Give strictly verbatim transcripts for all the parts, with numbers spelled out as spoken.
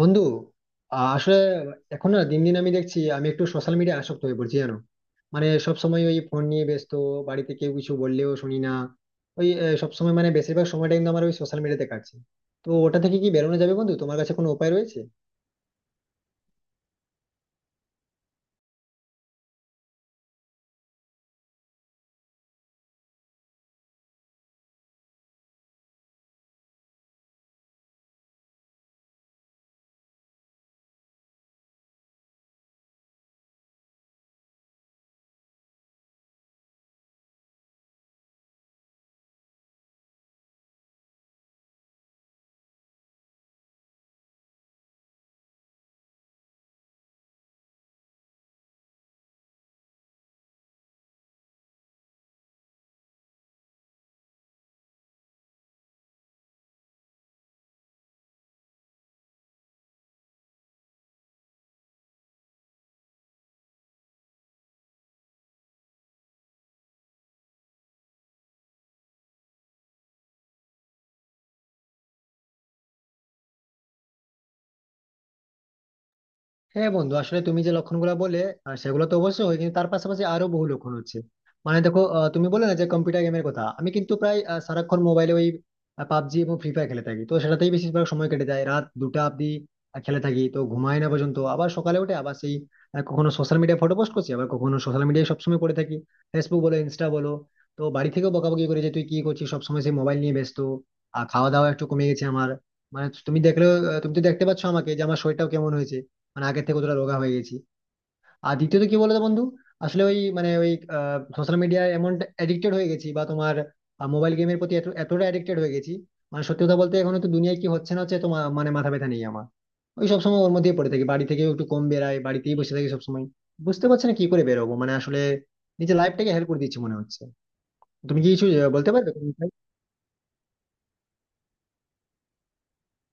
বন্ধু আহ, আসলে এখন না দিন দিন আমি দেখছি আমি একটু সোশ্যাল মিডিয়া আসক্ত হয়ে পড়ছি জানো। মানে সব সময় ওই ফোন নিয়ে ব্যস্ত, বাড়িতে কেউ কিছু বললেও শুনি না। ওই সব সময় মানে বেশিরভাগ সময়টা কিন্তু আমার ওই সোশ্যাল মিডিয়াতে কাটছে। তো ওটা থেকে কি বেরোনো যাবে বন্ধু, তোমার কাছে কোনো উপায় রয়েছে? হ্যাঁ বন্ধু, আসলে তুমি যে লক্ষণগুলো বলে আহ, সেগুলো তো অবশ্যই হয় কিন্তু তার পাশাপাশি আরো বহু লক্ষণ হচ্ছে। মানে দেখো, আহ, তুমি বলে না যে কম্পিউটার গেমের কথা, আমি কিন্তু প্রায় আহ, সারাক্ষণ মোবাইলে ওই পাবজি এবং ফ্রি ফায়ার খেলে থাকি, তো সেটাতেই বেশিরভাগ সময় কেটে যায় রাত দুটা অব্দি। আহ, খেলে থাকি তো ঘুমাই না পর্যন্ত, আবার সকালে উঠে আবার সেই আহ, কখনো সোশ্যাল মিডিয়ায় ফটো পোস্ট করছি আবার কখনো সোশ্যাল মিডিয়ায় সবসময় পড়ে থাকি, ফেসবুক বলো ইনস্টা বলো। তো বাড়ি থেকেও বকাবকি করে যে তুই কি করছিস সবসময় সেই মোবাইল নিয়ে ব্যস্ত। আর খাওয়া দাওয়া একটু কমে গেছে আমার। মানে তুমি দেখলেও আহ, তুমি তো দেখতে পাচ্ছ আমাকে যে আমার শরীরটাও কেমন হয়েছে, মানে আগের থেকে কতটা রোগা হয়ে গেছি। আর দ্বিতীয়ত কি বলতো বন্ধু, আসলে ওই মানে ওই সোশ্যাল মিডিয়ায় এমন অ্যাডিক্টেড হয়ে গেছি বা তোমার মোবাইল গেমের প্রতি এত এতটা অ্যাডিক্টেড হয়ে গেছি, মানে সত্যি কথা বলতে এখন তো দুনিয়ায় কি হচ্ছে না হচ্ছে তো মা- মানে মাথা ব্যথা নেই আমার। ওই সব সময় ওর মধ্যেই পড়ে থাকি, বাড়ি থেকেও একটু কম বেড়াই বাড়িতেই বসে থাকি সব সময়। বুঝতে পারছি না কি করে বেরোবো, মানে আসলে নিজের লাইফটাকে হেল্প করে দিচ্ছি মনে হচ্ছে। তুমি কি কিছু আহ, বলতে পারবে কোন বিষয়ে?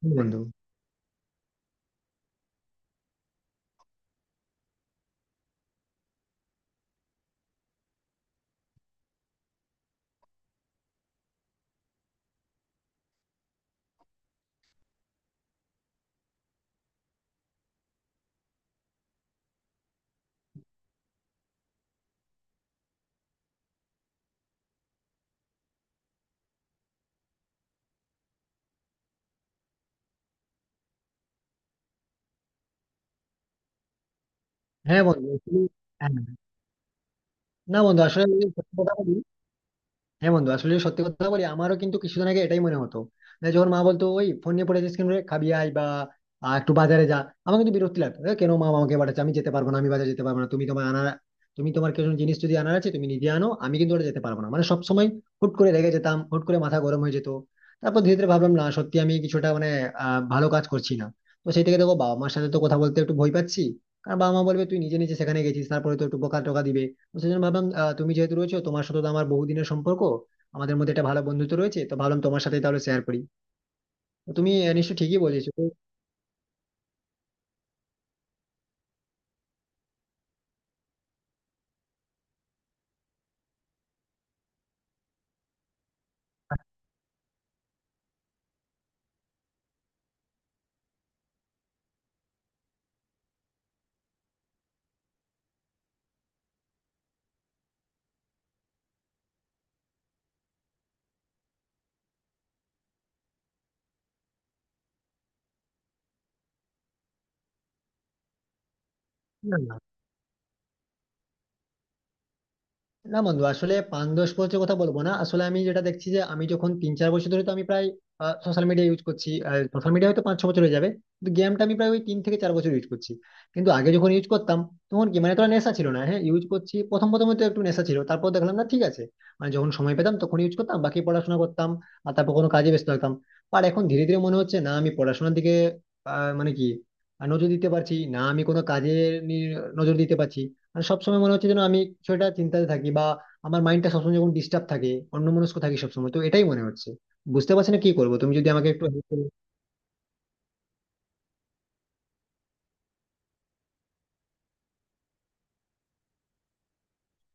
হ্যাঁ, বন্ধু। হ্যাঁ বন্ধু আসলে- হ্যাঁ। না বন্ধু আসলে, হ্যাঁ বন্ধু আসলে সত্যি কথা বলি আমারও কিন্তু কিছুদিন আগে এটাই মনে হতো না। যখন মা বলতো ওই ফোন নিয়ে পড়ে যাস কেন রে? খাবি আয় বা আহ, একটু বাজারে যা, আমার কিন্তু বিরক্তি লাগতো, "এ, কেন মা আমাকে পাঠাচ্ছে, আমি যেতে পারবো না, আমি বাজারে যেতে পারবো না। তুমি তোমার আনার, তুমি তোমার কিছু জিনিস যদি আনার আছে তুমি নিজে আনো, আমি কিন্তু ওটা যেতে পারবো না।" মানে সবসময় হুট করে রেগে যেতাম, হুট করে মাথা গরম হয়ে যেত। তারপর ধীরে ধীরে ভাবলাম না সত্যি আমি কিছুটা মানে আহ, ভালো কাজ করছি না। তো সেই থেকে দেখো বাবা মার সাথে তো কথা বলতে একটু ভয় পাচ্ছি, কারণ বাবা মা বলবে তুই নিজে নিজে সেখানে গেছিস, তারপরে তো একটু বকা টকা দিবে। তো সেই জন্য ভাবলাম আহ, তুমি যেহেতু রয়েছো, তোমার সাথে তো আমার বহুদিনের সম্পর্ক, আমাদের মধ্যে একটা ভালো বন্ধুত্ব রয়েছে, তো ভাবলাম তোমার সাথে তাহলে শেয়ার করি। তো তুমি আহ, নিশ্চয়ই ঠিকই বলেছো তো। না, না, না বন্ধু আসলে পাঁচ দশ বছরের কথা বলবো না, আসলে আমি যেটা দেখছি যে আমি যখন তিন চার বছর ধরে তো আমি প্রায় সোশ্যাল মিডিয়া ইউজ করছি। সোশ্যাল মিডিয়া হয়তো পাঁচ ছ বছর হয়ে যাবে, কিন্তু গেমটা আমি প্রায় ওই তিন থেকে চার বছর ইউজ করছি। কিন্তু আগে যখন ইউজ করতাম তখন কি মানে তোরা নেশা ছিল না, হ্যাঁ ইউজ করছি প্রথম প্রথম হয়তো একটু নেশা ছিল তারপর দেখলাম না ঠিক আছে, মানে যখন সময় পেতাম তখন ইউজ করতাম বাকি পড়াশোনা করতাম আর তারপর কোনো কাজে ব্যস্ত থাকতাম। আর এখন ধীরে ধীরে মনে হচ্ছে না আমি পড়াশোনার দিকে আহ, মানে কি আহ, নজর দিতে পারছি না, আমি কোনো কাজে নি- নজর দিতে পারছি। মানে সবসময় মনে হচ্ছে যেন আমি কিছু একটা চিন্তাতে থাকি বা আমার মাইন্ডটা সবসময় যখন ডিস্টার্ব থাকে, অন্যমনস্ক থাকি সবসময় তো এটাই মনে হচ্ছে। বুঝতে পারছি না কি করবো, তুমি যদি আমাকে একটু help করো।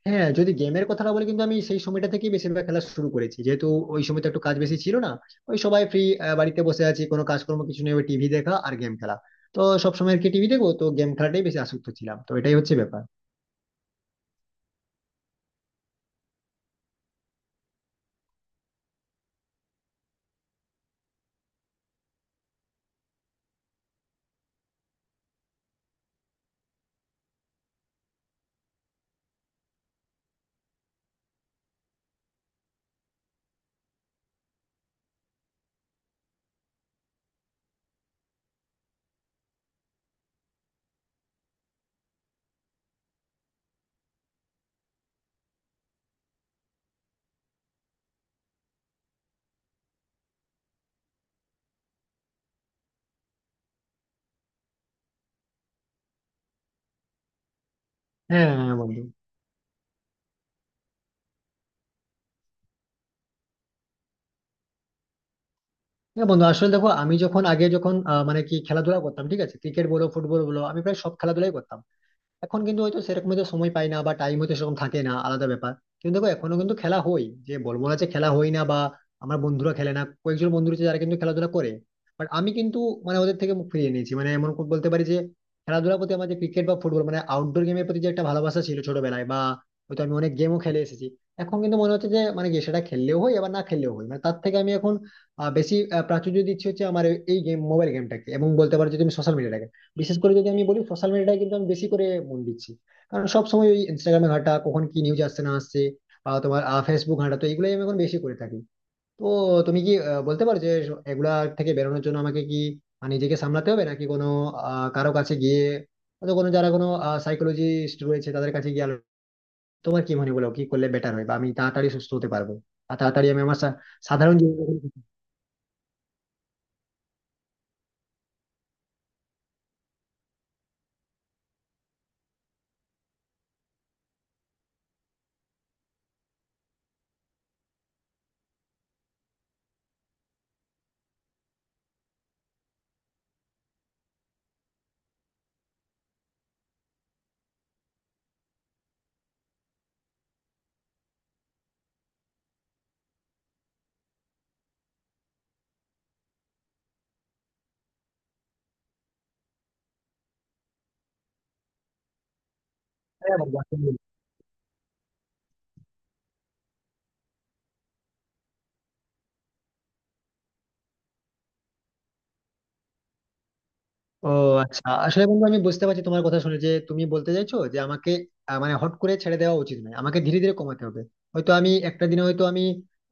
হ্যাঁ যদি গেমের কথাটা বলি কিন্তু আমি সেই সময়টা থেকেই বেশিরভাগ খেলা শুরু করেছি, যেহেতু ওই সময় তো একটু কাজ বেশি ছিল না, ওই সবাই ফ্রি, বাড়িতে বসে আছি কোনো কাজকর্ম কিছু নেই, ওই টিভি দেখা আর গেম খেলা। তো সবসময় আর কি টিভি দেখবো, তো গেম খেলাটাই বেশি আসক্ত ছিলাম, তো এটাই হচ্ছে ব্যাপার। হ্যাঁ হ্যাঁ হ্যাঁ, বন্ধু। হ্যাঁ বন্ধু আসলে দেখো আমি যখন আগে যখন আহ, মানে কি খেলাধুলা করতাম, ঠিক আছে ক্রিকেট বলো ফুটবল বলো আমি প্রায় সব খেলাধুলাই করতাম। এখন কিন্তু হয়তো সেরকম হয়তো সময় পাই না বা টাইম হয়তো সেরকম থাকে না, আলাদা ব্যাপার। কিন্তু দেখো এখনো কিন্তু খেলা হয়, যে বলবো না যে খেলা হয় না বা আমার বন্ধুরা খেলে না, কয়েকজন বন্ধু রয়েছে যারা কিন্তু খেলাধুলা করে। বাট আমি কিন্তু মানে ওদের থেকে মুখ ফিরিয়ে নিয়েছি, মানে এমন করে বলতে পারি যে খেলাধুলার প্রতি আমার যে ক্রিকেট বা ফুটবল মানে আউটডোর গেমের প্রতি যে একটা ভালোবাসা ছিল ছোটবেলায় বা হয়তো আমি অনেক গেমও খেলে এসেছি, এখন কিন্তু মনে হচ্ছে যে মানে কি সেটা খেললেও হয় আবার না খেললেও হয়, মানে তার থেকে আমি এখন আহ, বেশি আহ, প্রাচুর্য দিচ্ছি হচ্ছে আমার এই গেম মোবাইল গেমটাকে এবং বলতে পারো যে তুমি সোশ্যাল মিডিয়াটাকে। বিশেষ করে যদি আমি বলি সোশ্যাল মিডিয়ায় কিন্তু আমি বেশি করে মন দিচ্ছি, কারণ সব সময় ওই ইনস্টাগ্রামে ঘাটা কখন কি নিউজ আসছে না আসছে বা তোমার ফেসবুক ঘাটা, তো এগুলোই আমি এখন বেশি করে থাকি। তো তুমি কি আহ, বলতে পারো যে এগুলা থেকে বেরোনোর জন্য আমাকে কি মানে নিজেকে সামলাতে হবে নাকি কোনো আহ কারো কাছে গিয়ে হয়তো কোনো, যারা কোনো সাইকোলজিস্ট রয়েছে তাদের কাছে গিয়ে আলো- তোমার কি মনে বলো কি করলে বেটার হয় বা আমি তাড়াতাড়ি সুস্থ হতে পারবো আর তাড়াতাড়ি আমি আমার সা- সাধারণ জীবনে। ও আচ্ছা আসলে বন্ধু, আমি বুঝতে পারছি তোমার কথা শুনে যে তুমি বলতে চাইছো যে আমাকে আহ, মানে হট করে ছেড়ে দেওয়া উচিত নয়, আমাকে ধীরে ধীরে কমাতে হবে। হয়তো আমি একটা দিনে হয়তো আমি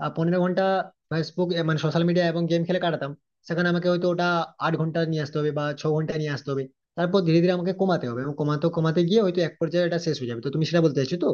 আহ, পনেরো ঘন্টা ফেসবুক এ, মানে সোশ্যাল মিডিয়া এবং গেম খেলে কাটাতাম, সেখানে আমাকে হয়তো ওটা আট ঘন্টা নিয়ে আসতে হবে বা ছ ঘন্টা নিয়ে আসতে হবে। তারপর ধীরে ধীরে আমাকে কমাতে হবে এবং কমাতে কমাতে গিয়ে হয়তো এক পর্যায়ে এটা শেষ হয়ে যাবে, তো তুমি সেটা বলতে চাইছো তো।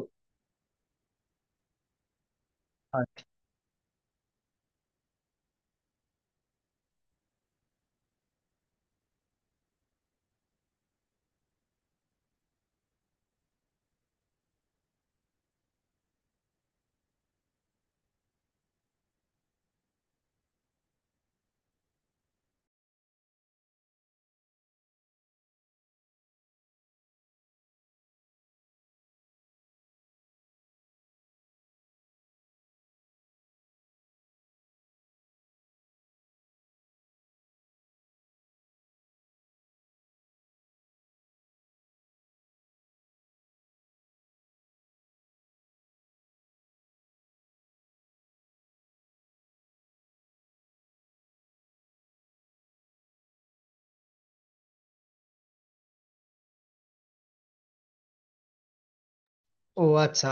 ও আচ্ছা,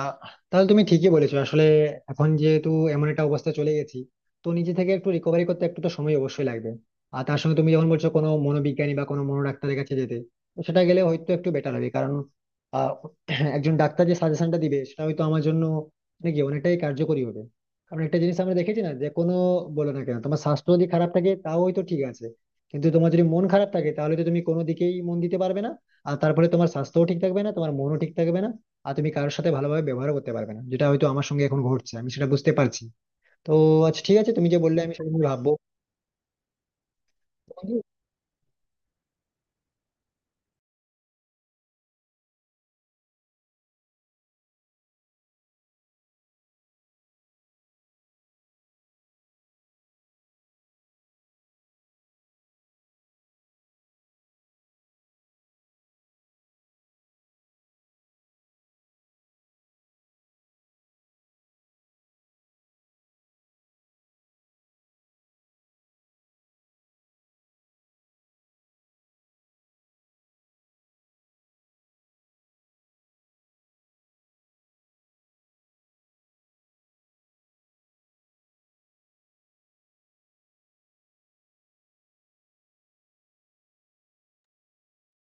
তাহলে তুমি ঠিকই বলেছো আসলে। এখন যেহেতু এমন একটা অবস্থা চলে গেছি তো নিজে থেকে একটু রিকভারি করতে একটু তো সময় অবশ্যই লাগবে। আর তার সঙ্গে তুমি যখন বলছো কোনো মনোবিজ্ঞানী বা কোনো মনোডাক্তারের কাছে যেতে, তো সেটা গেলে হয়তো একটু বেটার হবে, কারণ আহ, একজন ডাক্তার যে সাজেশনটা দিবে সেটা হয়তো আমার জন্য মানে কি অনেকটাই কার্যকরী হবে। কারণ একটা জিনিস আমরা দেখেছি না যে কোনো, বলো না কেন তোমার স্বাস্থ্য যদি খারাপ থাকে তাও হয়তো ঠিক আছে, কিন্তু তোমার যদি মন খারাপ থাকে তাহলে তো তুমি কোনো দিকেই মন দিতে পারবে না, আর তারপরে তোমার স্বাস্থ্যও ঠিক থাকবে না তোমার মনও ঠিক থাকবে না, আর তুমি কারোর সাথে ভালোভাবে ব্যবহার করতে পারবে না, যেটা হয়তো আমার সঙ্গে এখন ঘটছে আমি সেটা বুঝতে পারছি। তো আচ্ছা ঠিক আছে, তুমি যে বললে আমি সেটা নিয়ে ভাববো বন্ধু।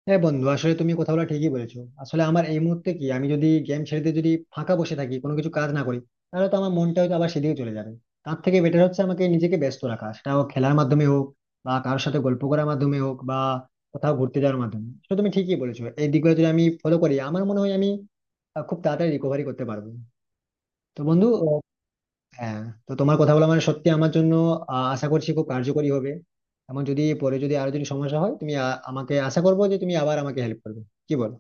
হ্যাঁ বন্ধু আসলে তুমি কথাগুলো ঠিকই বলেছো। আসলে আমার এই মুহূর্তে কি আমি যদি গেম ছেড়ে দিয়ে যদি ফাঁকা বসে থাকি কোনো কিছু কাজ না করি, তাহলে তো আমার মনটা হয়তো আবার সেদিকে চলে যাবে। তার থেকে বেটার হচ্ছে আমাকে নিজেকে ব্যস্ত রাখা, সেটা হোক খেলার মাধ্যমে হোক বা কারোর সাথে গল্প করার মাধ্যমে হোক বা কোথাও ঘুরতে যাওয়ার মাধ্যমে। সেটা তুমি ঠিকই বলেছো, এই দিকগুলো যদি আমি ফলো করি আমার মনে হয় আমি আহ, খুব তাড়াতাড়ি রিকভারি করতে পারবো। তো বন্ধু, হ্যাঁ, তো তোমার কথা বলা মানে সত্যি আমার জন্য আহ, আশা করছি খুব কার্যকরী হবে। এবং যদি পরে যদি আরো যদি সমস্যা হয় তুমি আ- আমাকে আশা করবো যে তুমি আবার আমাকে হেল্প করবে, কি বল?